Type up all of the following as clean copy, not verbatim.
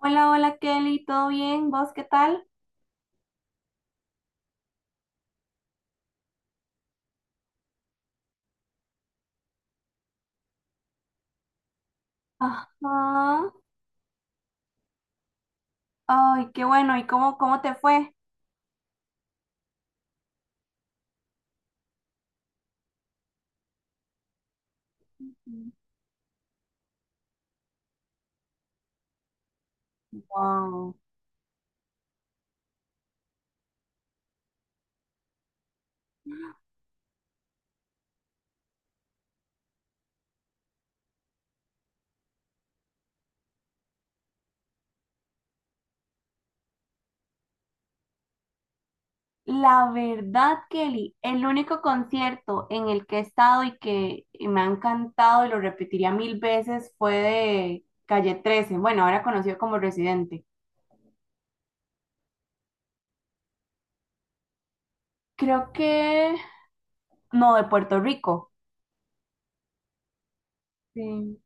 Hola, hola Kelly, ¿todo bien? ¿Vos qué tal? Ajá. Ay, qué bueno. ¿Y cómo te fue? Ujú. Wow. La verdad, Kelly, el único concierto en el que he estado y que me ha encantado y lo repetiría mil veces fue de Calle trece. Bueno, ahora conocido como Residente. Creo que... No, de Puerto Rico. Sí.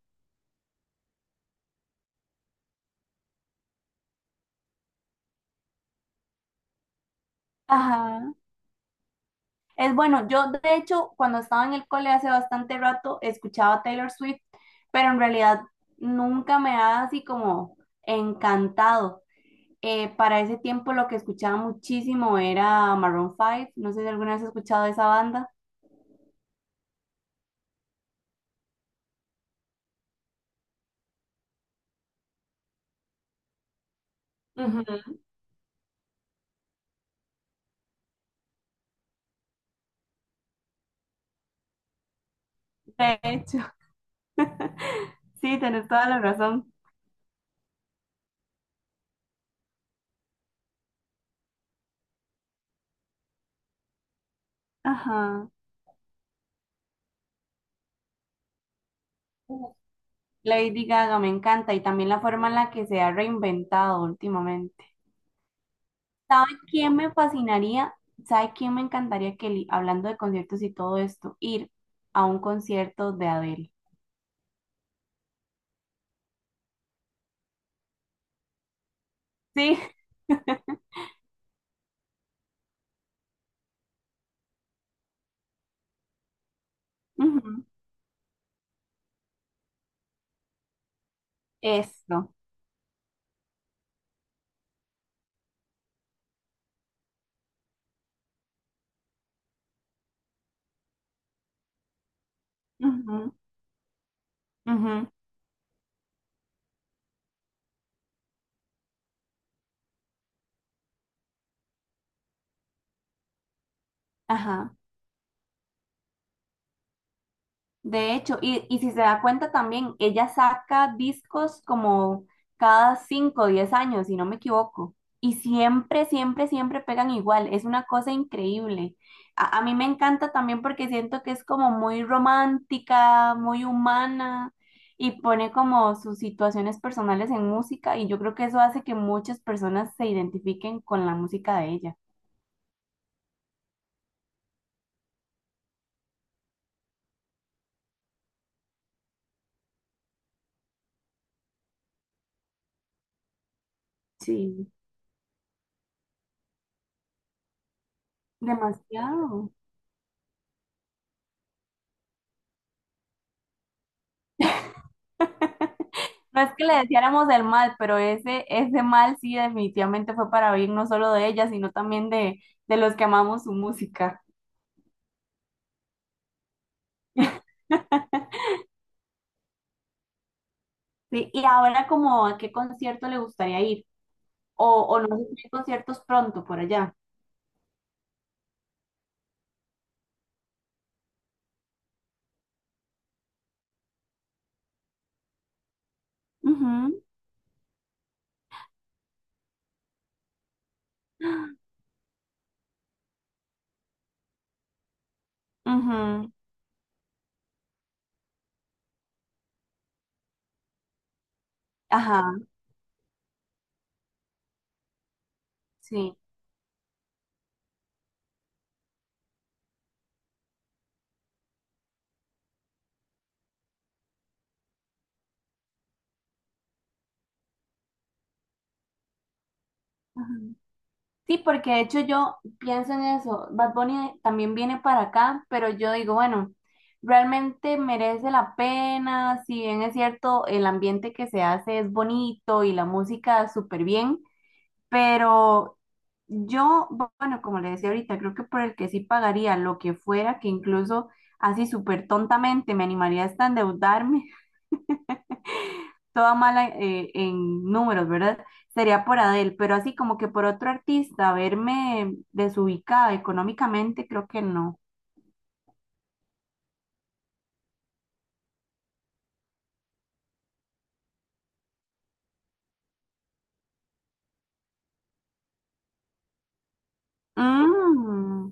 Ajá. Es bueno, yo de hecho cuando estaba en el cole hace bastante rato escuchaba Taylor Swift, pero en realidad nunca me ha así como encantado. Para ese tiempo lo que escuchaba muchísimo era Maroon 5, no sé si alguna vez has escuchado esa banda. Ujú. De hecho, sí, tenés toda la razón. Ajá. Lady Gaga me encanta y también la forma en la que se ha reinventado últimamente. ¿Sabe quién me fascinaría? ¿Sabe quién me encantaría, Kelly, hablando de conciertos y todo esto, ir a un concierto de Adele? Sí, ujú. Esto. Ujú, ujú, ajá. De hecho, y si se da cuenta también, ella saca discos como cada 5 o 10 años, si no me equivoco. Y siempre, siempre, siempre pegan igual. Es una cosa increíble. A mí me encanta también porque siento que es como muy romántica, muy humana y pone como sus situaciones personales en música y yo creo que eso hace que muchas personas se identifiquen con la música de ella. Sí. Demasiado. No es que le deseáramos el mal, pero ese mal sí definitivamente fue para bien, no solo de ella, sino también de los que amamos su música. Sí, y ahora como a qué concierto le gustaría ir, o no sé si hay conciertos pronto por allá. Ujú, ujú, ajá, sí. Sí, porque de hecho yo pienso en eso. Bad Bunny también viene para acá, pero yo digo, bueno, realmente merece la pena, si bien es cierto, el ambiente que se hace es bonito y la música súper bien, pero yo, bueno, como le decía ahorita, creo que por el que sí pagaría lo que fuera, que incluso así súper tontamente me animaría hasta endeudarme toda mala en números, ¿verdad? Sería por Adele, pero así como que por otro artista, verme desubicada económicamente, creo que no. Mm,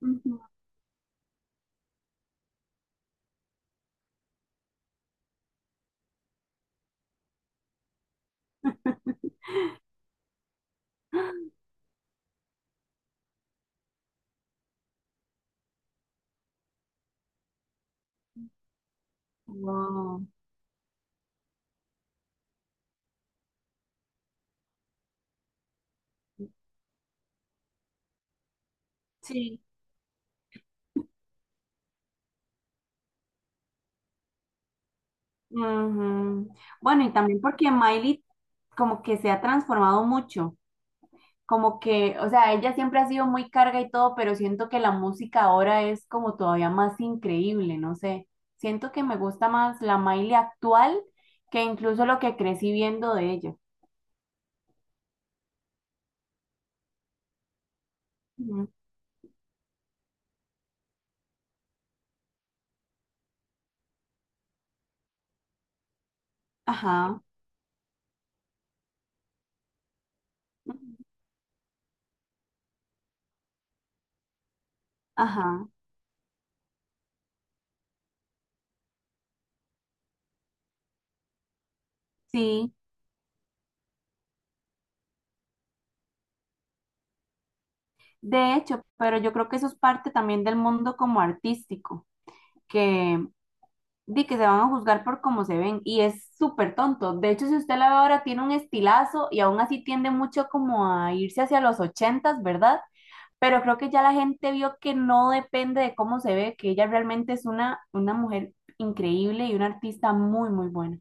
ujú, wow, sí. Ujú. Bueno, y también porque Miley como que se ha transformado mucho. Como que, o sea, ella siempre ha sido muy carga y todo, pero siento que la música ahora es como todavía más increíble, no sé. Siento que me gusta más la Miley actual que incluso lo que crecí viendo de ella. Ujú. Ajá, ujú, ajá, sí. De hecho, pero yo creo que eso es parte también del mundo como artístico, que di que se van a juzgar por cómo se ven y es súper tonto. De hecho, si usted la ve ahora tiene un estilazo y aún así tiende mucho como a irse hacia los ochentas, ¿verdad? Pero creo que ya la gente vio que no depende de cómo se ve, que ella realmente es una mujer increíble y una artista muy buena.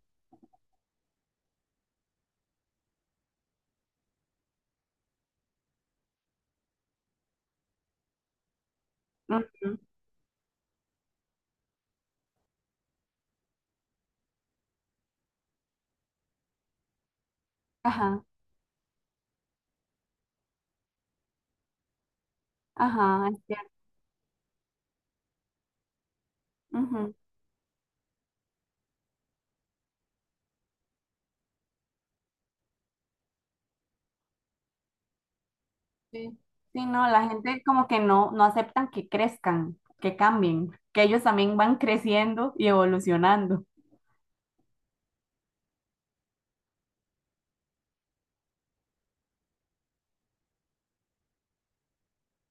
Ujú. Ajá, ajá, es cierto. Ujú, sí. Sí, no, la gente como que no, no aceptan que crezcan, que cambien, que ellos también van creciendo y evolucionando.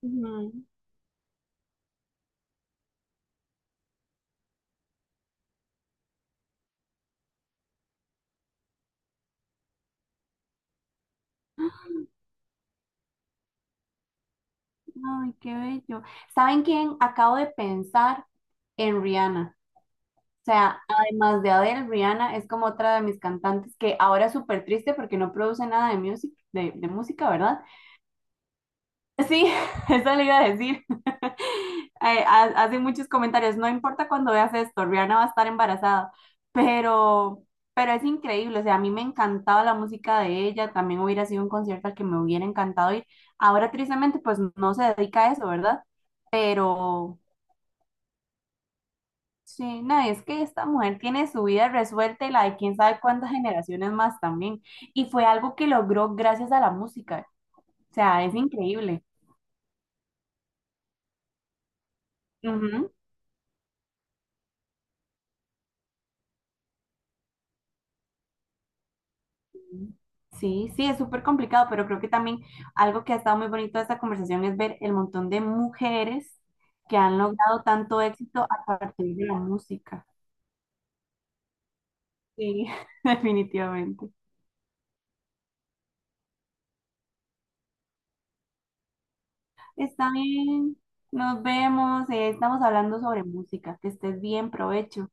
Ujú. Ay, qué bello. ¿Saben quién? Acabo de pensar en Rihanna. O sea, además de Adele, Rihanna es como otra de mis cantantes que ahora es súper triste porque no produce nada de, music, de música, ¿verdad? Sí, eso le iba a decir. Hace muchos comentarios, no importa cuando veas esto, Rihanna va a estar embarazada, pero, pero es increíble, o sea, a mí me encantaba la música de ella, también hubiera sido un concierto al que me hubiera encantado ir. Ahora tristemente pues no se dedica a eso, ¿verdad? Pero... Sí, no, es que esta mujer tiene su vida resuelta y la de quién sabe cuántas generaciones más también. Y fue algo que logró gracias a la música. O sea, es increíble. Ujú. Sí, sí, es súper complicado, pero creo que también algo que ha estado muy bonito de esta conversación es ver el montón de mujeres que han logrado tanto éxito a partir de la música. Sí, definitivamente. Está bien, nos vemos, estamos hablando sobre música. Que estés bien, provecho.